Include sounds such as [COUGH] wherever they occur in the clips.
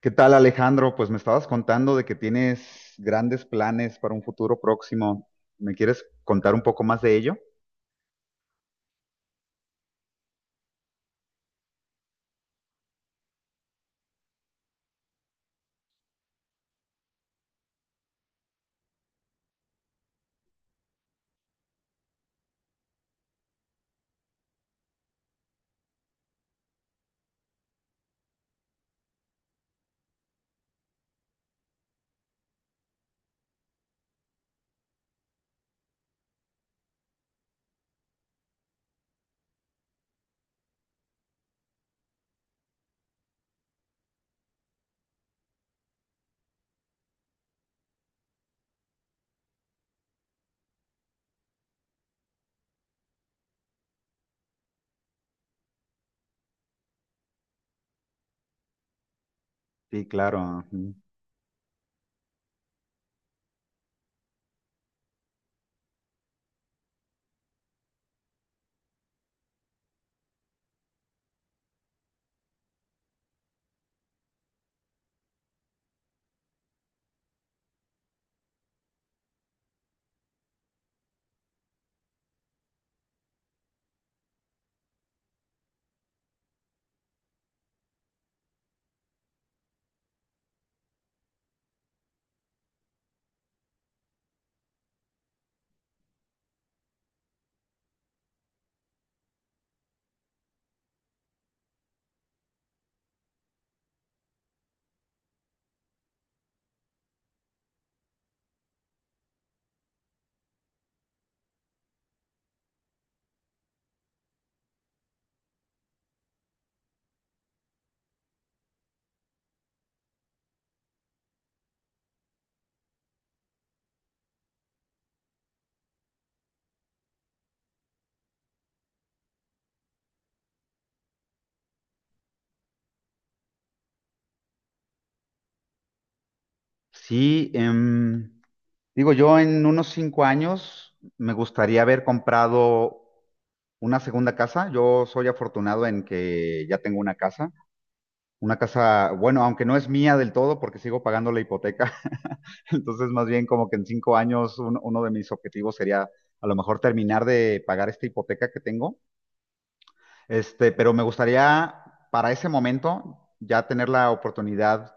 ¿Qué tal, Alejandro? Pues me estabas contando de que tienes grandes planes para un futuro próximo. ¿Me quieres contar un poco más de ello? Sí, claro, ujú. Sí, digo, yo en unos cinco años me gustaría haber comprado una segunda casa. Yo soy afortunado en que ya tengo una casa. Una casa, bueno, aunque no es mía del todo porque sigo pagando la hipoteca. [LAUGHS] Entonces, más bien como que en cinco años uno de mis objetivos sería a lo mejor terminar de pagar esta hipoteca que tengo. Este, pero me gustaría para ese momento ya tener la oportunidad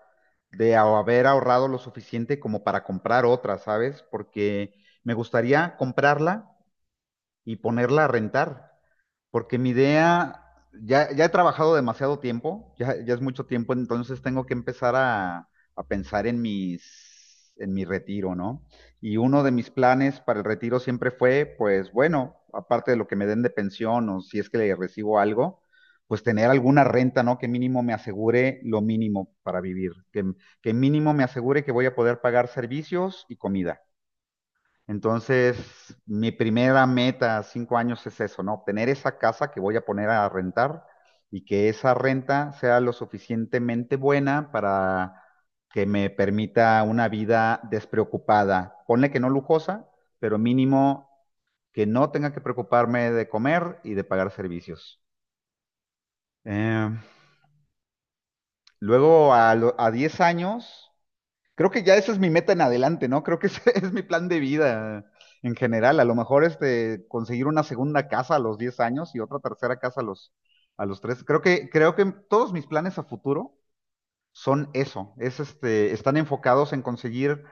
de haber ahorrado lo suficiente como para comprar otra, ¿sabes? Porque me gustaría comprarla y ponerla a rentar, porque mi idea, ya he trabajado demasiado tiempo, ya es mucho tiempo, entonces tengo que empezar a pensar en en mi retiro, ¿no? Y uno de mis planes para el retiro siempre fue, pues bueno, aparte de lo que me den de pensión o si es que le recibo algo, pues tener alguna renta, ¿no? Que mínimo me asegure lo mínimo para vivir, que mínimo me asegure que voy a poder pagar servicios y comida. Entonces, mi primera meta a cinco años es eso, ¿no? Obtener esa casa que voy a poner a rentar y que esa renta sea lo suficientemente buena para que me permita una vida despreocupada. Ponle que no lujosa, pero mínimo que no tenga que preocuparme de comer y de pagar servicios. Eh, Luego, a 10 años, creo que ya esa es mi meta en adelante, ¿no? Creo que ese [LAUGHS] es mi plan de vida en general. A lo mejor este, conseguir una segunda casa a los 10 años y otra tercera casa a los 13. Creo que todos mis planes a futuro son eso, es este, están enfocados en conseguir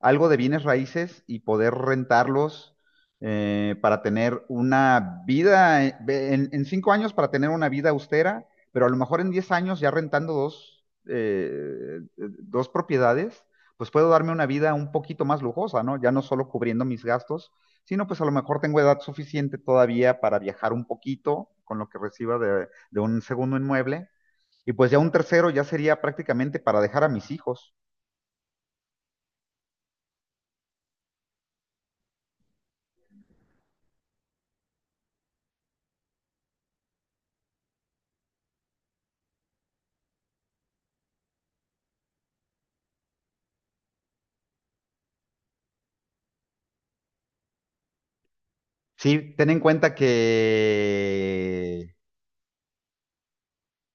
algo de bienes raíces y poder rentarlos para tener una vida, en cinco años, para tener una vida austera, pero a lo mejor en diez años ya rentando dos propiedades, pues puedo darme una vida un poquito más lujosa, ¿no? Ya no solo cubriendo mis gastos, sino pues a lo mejor tengo edad suficiente todavía para viajar un poquito con lo que reciba de un segundo inmueble, y pues ya un tercero ya sería prácticamente para dejar a mis hijos. Sí, ten en cuenta que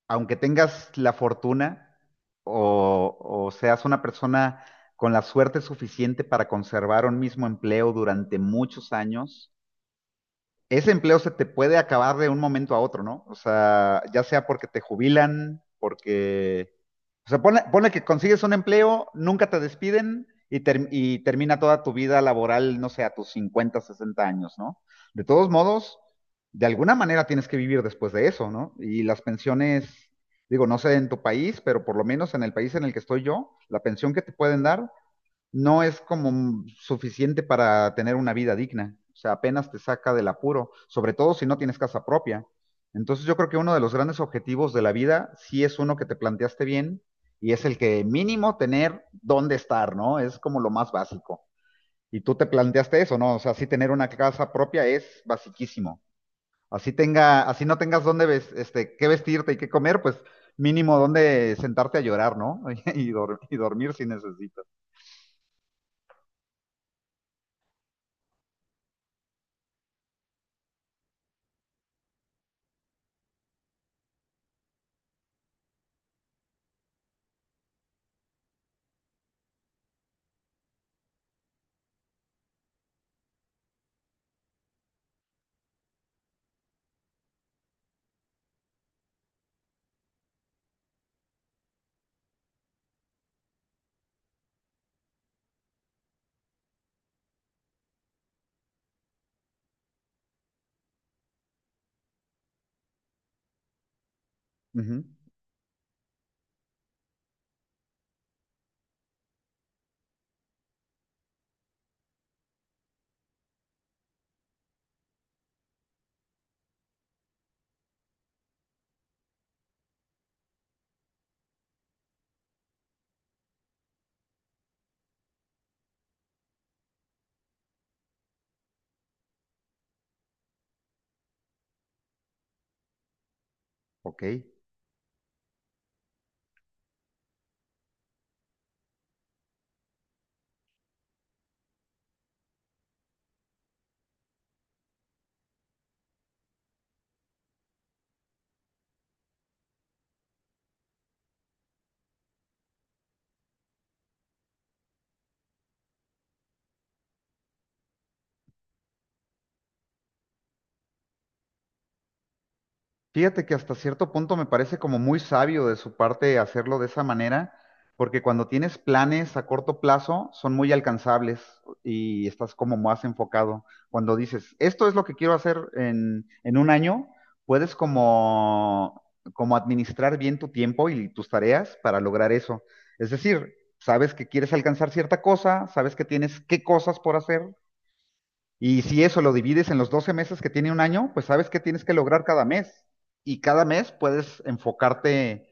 aunque tengas la fortuna o seas una persona con la suerte suficiente para conservar un mismo empleo durante muchos años, ese empleo se te puede acabar de un momento a otro, ¿no? O sea, ya sea porque te jubilan, porque... O sea, pone, pone que consigues un empleo, nunca te despiden y, y termina toda tu vida laboral, no sé, a tus 50, 60 años, ¿no? De todos modos, de alguna manera tienes que vivir después de eso, ¿no? Y las pensiones, digo, no sé en tu país, pero por lo menos en el país en el que estoy yo, la pensión que te pueden dar no es como suficiente para tener una vida digna. O sea, apenas te saca del apuro, sobre todo si no tienes casa propia. Entonces yo creo que uno de los grandes objetivos de la vida sí es uno que te planteaste bien y es el que mínimo tener dónde estar, ¿no? Es como lo más básico. Y tú te planteaste eso, ¿no? O sea, sí, tener una casa propia es basiquísimo. Así tenga, así no tengas dónde ves, este, qué vestirte y qué comer, pues mínimo dónde sentarte a llorar, ¿no? [LAUGHS] Y, y dormir si necesitas. Ujú. Ok. Fíjate que hasta cierto punto me parece como muy sabio de su parte hacerlo de esa manera, porque cuando tienes planes a corto plazo son muy alcanzables y estás como más enfocado. Cuando dices, esto es lo que quiero hacer en un año, puedes como, como administrar bien tu tiempo y tus tareas para lograr eso. Es decir, sabes que quieres alcanzar cierta cosa, sabes que tienes qué cosas por hacer y si eso lo divides en los 12 meses que tiene un año, pues sabes qué tienes que lograr cada mes. Y cada mes puedes enfocarte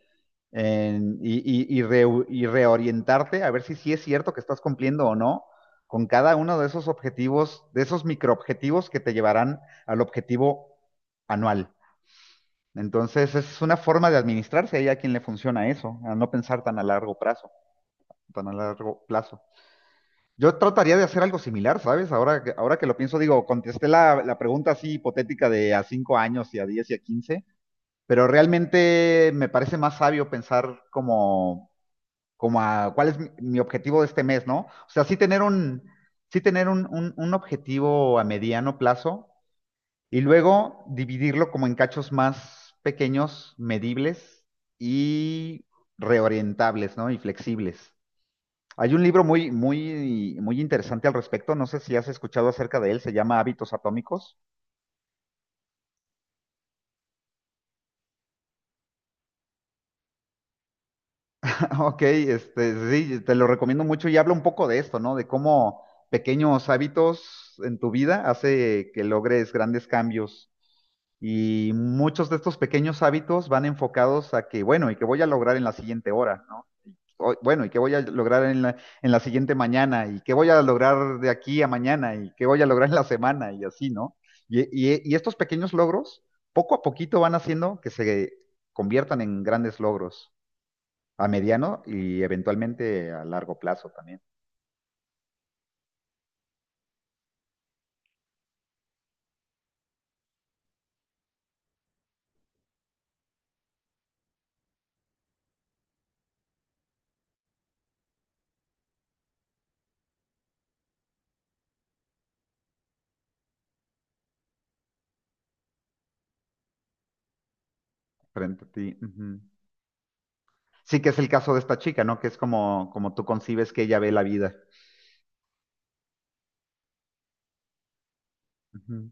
y reorientarte a ver si sí es cierto que estás cumpliendo o no con cada uno de esos objetivos, de esos microobjetivos que te llevarán al objetivo anual. Entonces, es una forma de administrarse y a quien le funciona eso, a no pensar tan a largo plazo, tan a largo plazo. Yo trataría de hacer algo similar, ¿sabes? Ahora que lo pienso, digo, contesté la pregunta así hipotética de a 5 años y a 10 y a 15, pero realmente me parece más sabio pensar como, como a cuál es mi objetivo de este mes, ¿no? O sea, sí tener un objetivo a mediano plazo y luego dividirlo como en cachos más pequeños, medibles y reorientables, ¿no? Y flexibles. Hay un libro muy interesante al respecto. No sé si has escuchado acerca de él. Se llama Hábitos Atómicos. [LAUGHS] Ok, este, sí, te lo recomiendo mucho y habla un poco de esto, ¿no? De cómo pequeños hábitos en tu vida hace que logres grandes cambios. Y muchos de estos pequeños hábitos van enfocados a que, bueno, y que voy a lograr en la siguiente hora, ¿no? Bueno, ¿y qué voy a lograr en en la siguiente mañana? ¿Y qué voy a lograr de aquí a mañana? ¿Y qué voy a lograr en la semana? Y así, ¿no? Y estos pequeños logros, poco a poquito van haciendo que se conviertan en grandes logros a mediano y eventualmente a largo plazo también, frente a ti. Ujú. Sí que es el caso de esta chica, ¿no? Que es como, como tú concibes que ella ve la vida. Ujú.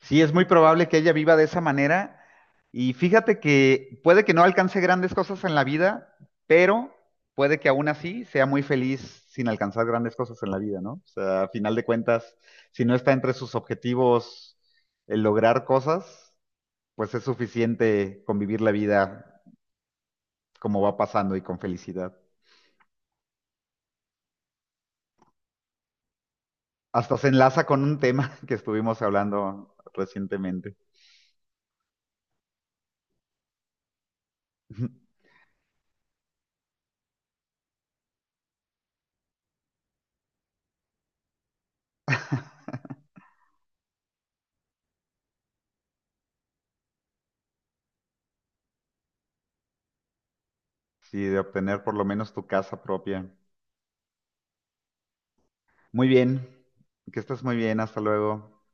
Sí, es muy probable que ella viva de esa manera. Y fíjate que puede que no alcance grandes cosas en la vida, pero puede que aún así sea muy feliz sin alcanzar grandes cosas en la vida, ¿no? O sea, a final de cuentas, si no está entre sus objetivos el lograr cosas, pues es suficiente convivir la vida como va pasando y con felicidad. Hasta se enlaza con un tema [LAUGHS] que estuvimos hablando recientemente. [LAUGHS] Sí, de obtener por lo menos tu casa propia. Muy bien, que estés muy bien, hasta luego.